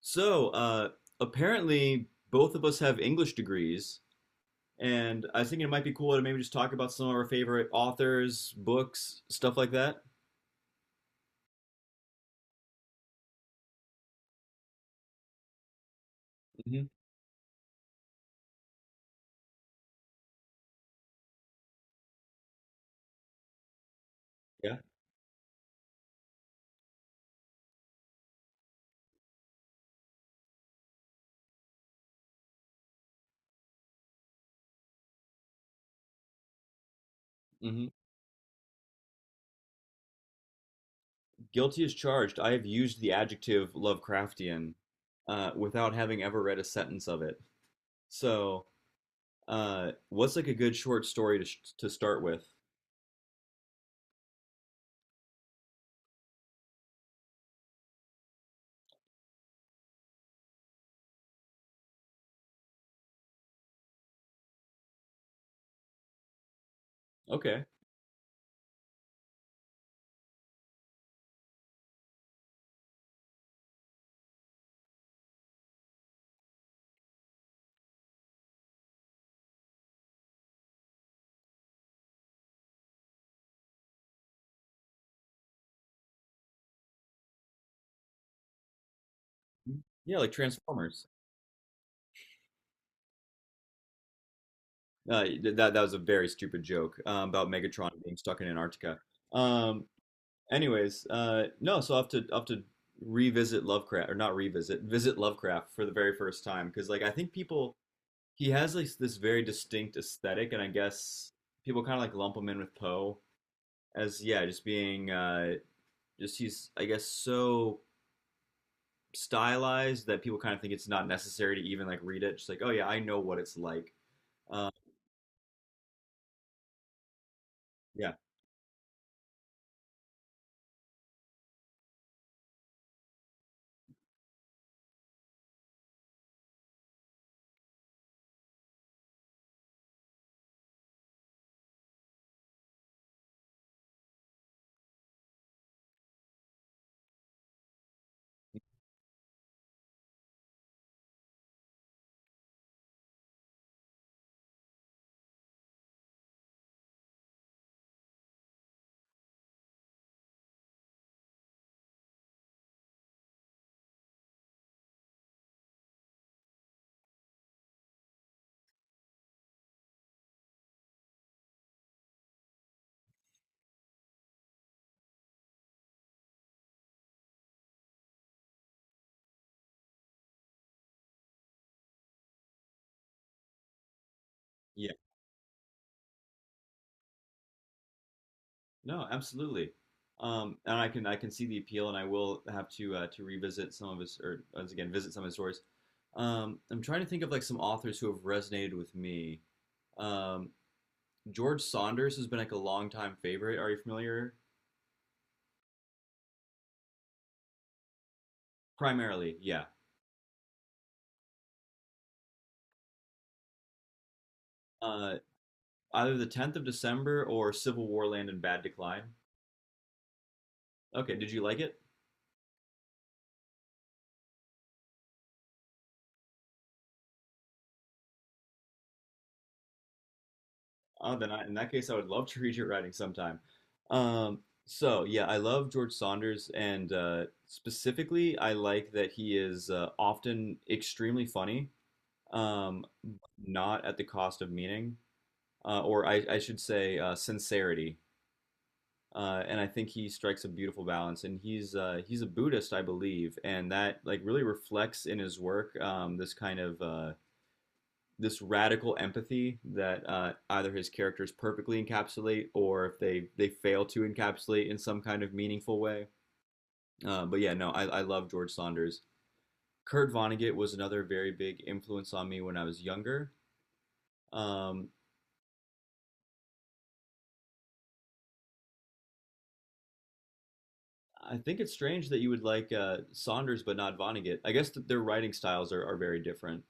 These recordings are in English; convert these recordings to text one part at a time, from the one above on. So, uh, apparently, both of us have English degrees, and I was thinking it might be cool to maybe just talk about some of our favorite authors, books, stuff like that. Hmm. Yeah. Hmm. Guilty as charged. I have used the adjective Lovecraftian without having ever read a sentence of it. So, what's like a good short story to start with? Okay. Yeah, like Transformers. That was a very stupid joke about Megatron being stuck in Antarctica. Um, Anyways, no, so I'll have to revisit Lovecraft or not revisit, visit Lovecraft for the very first time because like I think people he has like this very distinct aesthetic, and I guess people kind of like lump him in with Poe as yeah, just being just he's I guess so stylized that people kind of think it's not necessary to even like read it. Just like oh yeah, I know what it's like. Uh, yeah, no, absolutely. And I can see the appeal, and I will have to revisit some of his or once again visit some of his stories. I'm trying to think of like some authors who have resonated with me. Um, George Saunders has been like a longtime favorite. Are you familiar? Primarily, yeah. Uh, Either the 10th of December or Civil War Land and Bad Decline. Okay, did you like it? Oh, then in that case, I would love to read your writing sometime. Um, so yeah, I love George Saunders, and specifically, I like that he is often extremely funny, um, not at the cost of meaning, or I should say, sincerity. And I think he strikes a beautiful balance. And he's a Buddhist, I believe, and that like really reflects in his work this kind of this radical empathy that either his characters perfectly encapsulate or if they fail to encapsulate in some kind of meaningful way. But yeah, no, I love George Saunders. Kurt Vonnegut was another very big influence on me when I was younger. Um, I think it's strange that you would like Saunders but not Vonnegut. I guess that their writing styles are very different.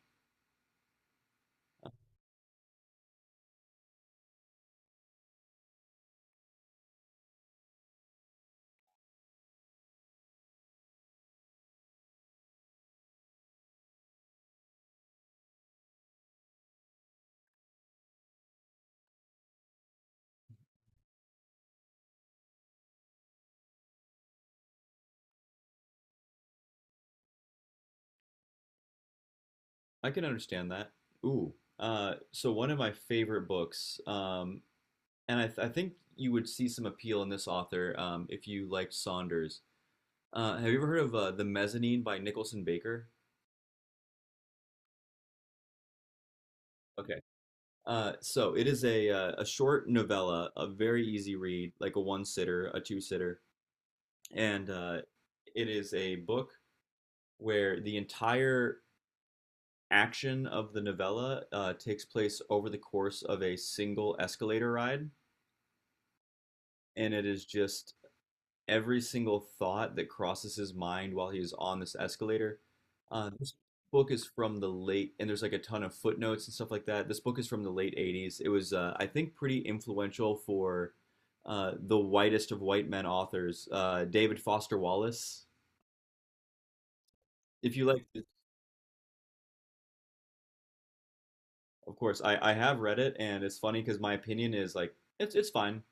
I can understand that. Ooh. So one of my favorite books um, I think you would see some appeal in this author if you liked Saunders. Have you ever heard of The Mezzanine by Nicholson Baker? Okay. So it is a short novella, a very easy read, like a one sitter, a two sitter, and it is a book where the entire action of the novella takes place over the course of a single escalator ride, and it is just every single thought that crosses his mind while he's on this escalator. This book is from the late, and there's like a ton of footnotes and stuff like that. This book is from the late 80s. It was, I think, pretty influential for the whitest of white men authors, David Foster Wallace. If you like, of course, I have read it, and it's funny because my opinion is like it's fine.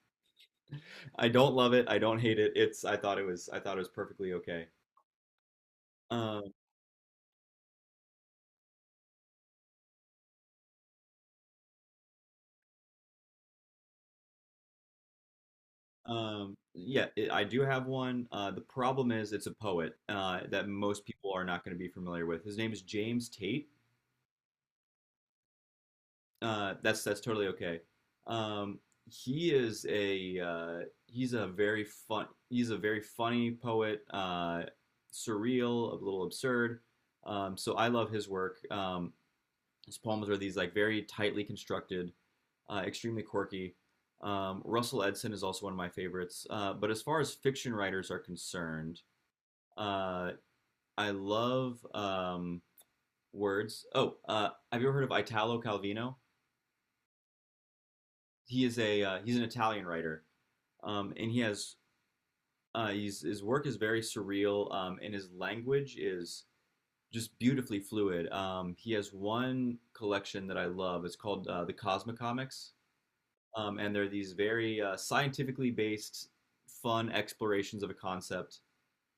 I don't love it. I don't hate it. It's I thought it was perfectly okay. Um, yeah, I do have one. The problem is it's a poet that most people are not going to be familiar with. His name is James Tate. That's totally okay. Um, he is a he's a very funny poet, surreal, a little absurd. So I love his work. His poems are these like very tightly constructed, extremely quirky. Russell Edson is also one of my favorites. But as far as fiction writers are concerned, Uh, I love words. Oh, have you ever heard of Italo Calvino? He is a he's an Italian writer, and his work is very surreal, and his language is just beautifully fluid. He has one collection that I love. It's called the Cosmocomics, and they're these very scientifically based, fun explorations of a concept.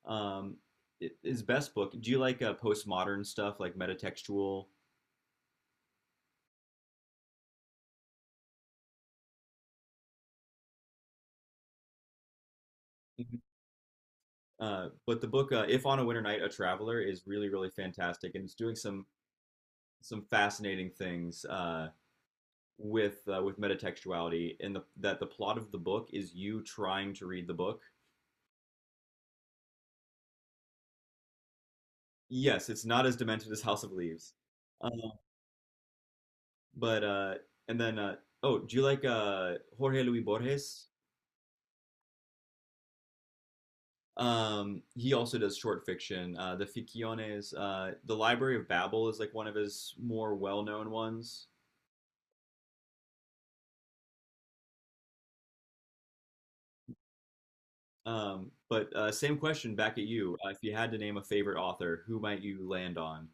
Um, his best book. Do you like postmodern stuff, like metatextual? But the book, If on a Winter Night, a Traveler, is really, really fantastic, and it's doing some fascinating things uh, with metatextuality. In the That the plot of the book is you trying to read the book. Yes, it's not as demented as House of Leaves, uh, but and then oh, do you like Jorge Luis Borges? He also does short fiction. The Ficciones, the Library of Babel is like one of his more well known ones. But Same question back at you. If you had to name a favorite author, who might you land on?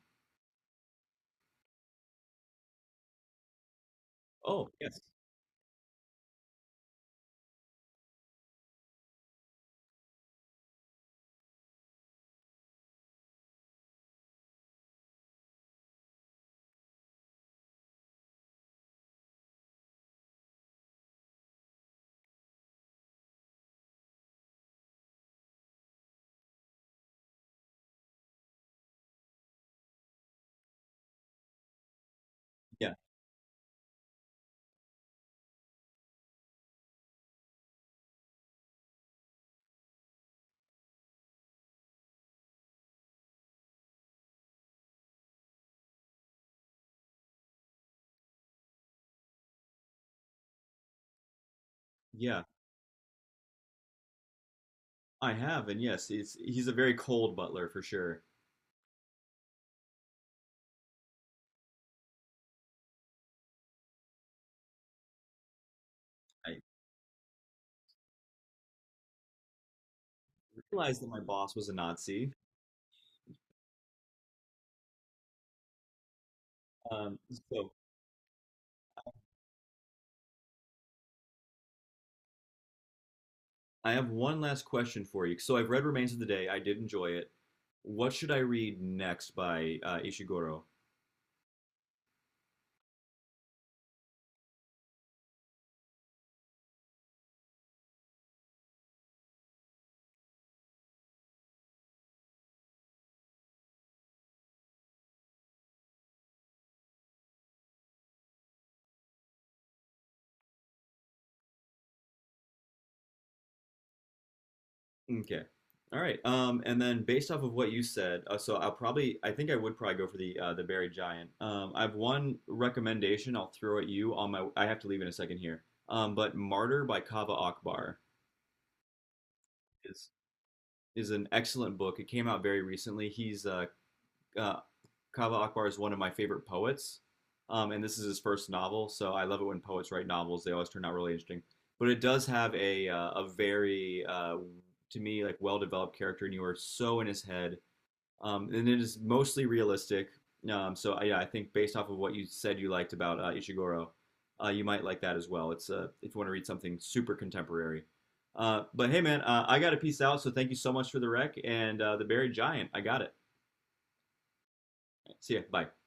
Oh, yes. Yeah. Yeah. I have. And yes, he's a very cold butler for sure. I realized that my boss was a Nazi. Um, so I have one last question for you. So I've read Remains of the Day. I did enjoy it. What should I read next by Ishiguro? Okay. All right. And then based off of what you said, I think I would probably go for the Buried Giant. I have one recommendation I'll throw at you on my. I have to leave in a second here. But Martyr by Kava Akbar is is an excellent book. It came out very recently. He's uh, Kava Akbar is one of my favorite poets, and this is his first novel. So I love it when poets write novels. They always turn out really interesting. But it does have a very to me like well developed character, and you are so in his head. And it is mostly realistic. Yeah, I think based off of what you said you liked about Ishiguro, you might like that as well. It's if you want to read something super contemporary. But hey, man, I got to peace out. So thank you so much for the rec and the Buried Giant. I got it. See ya. Bye.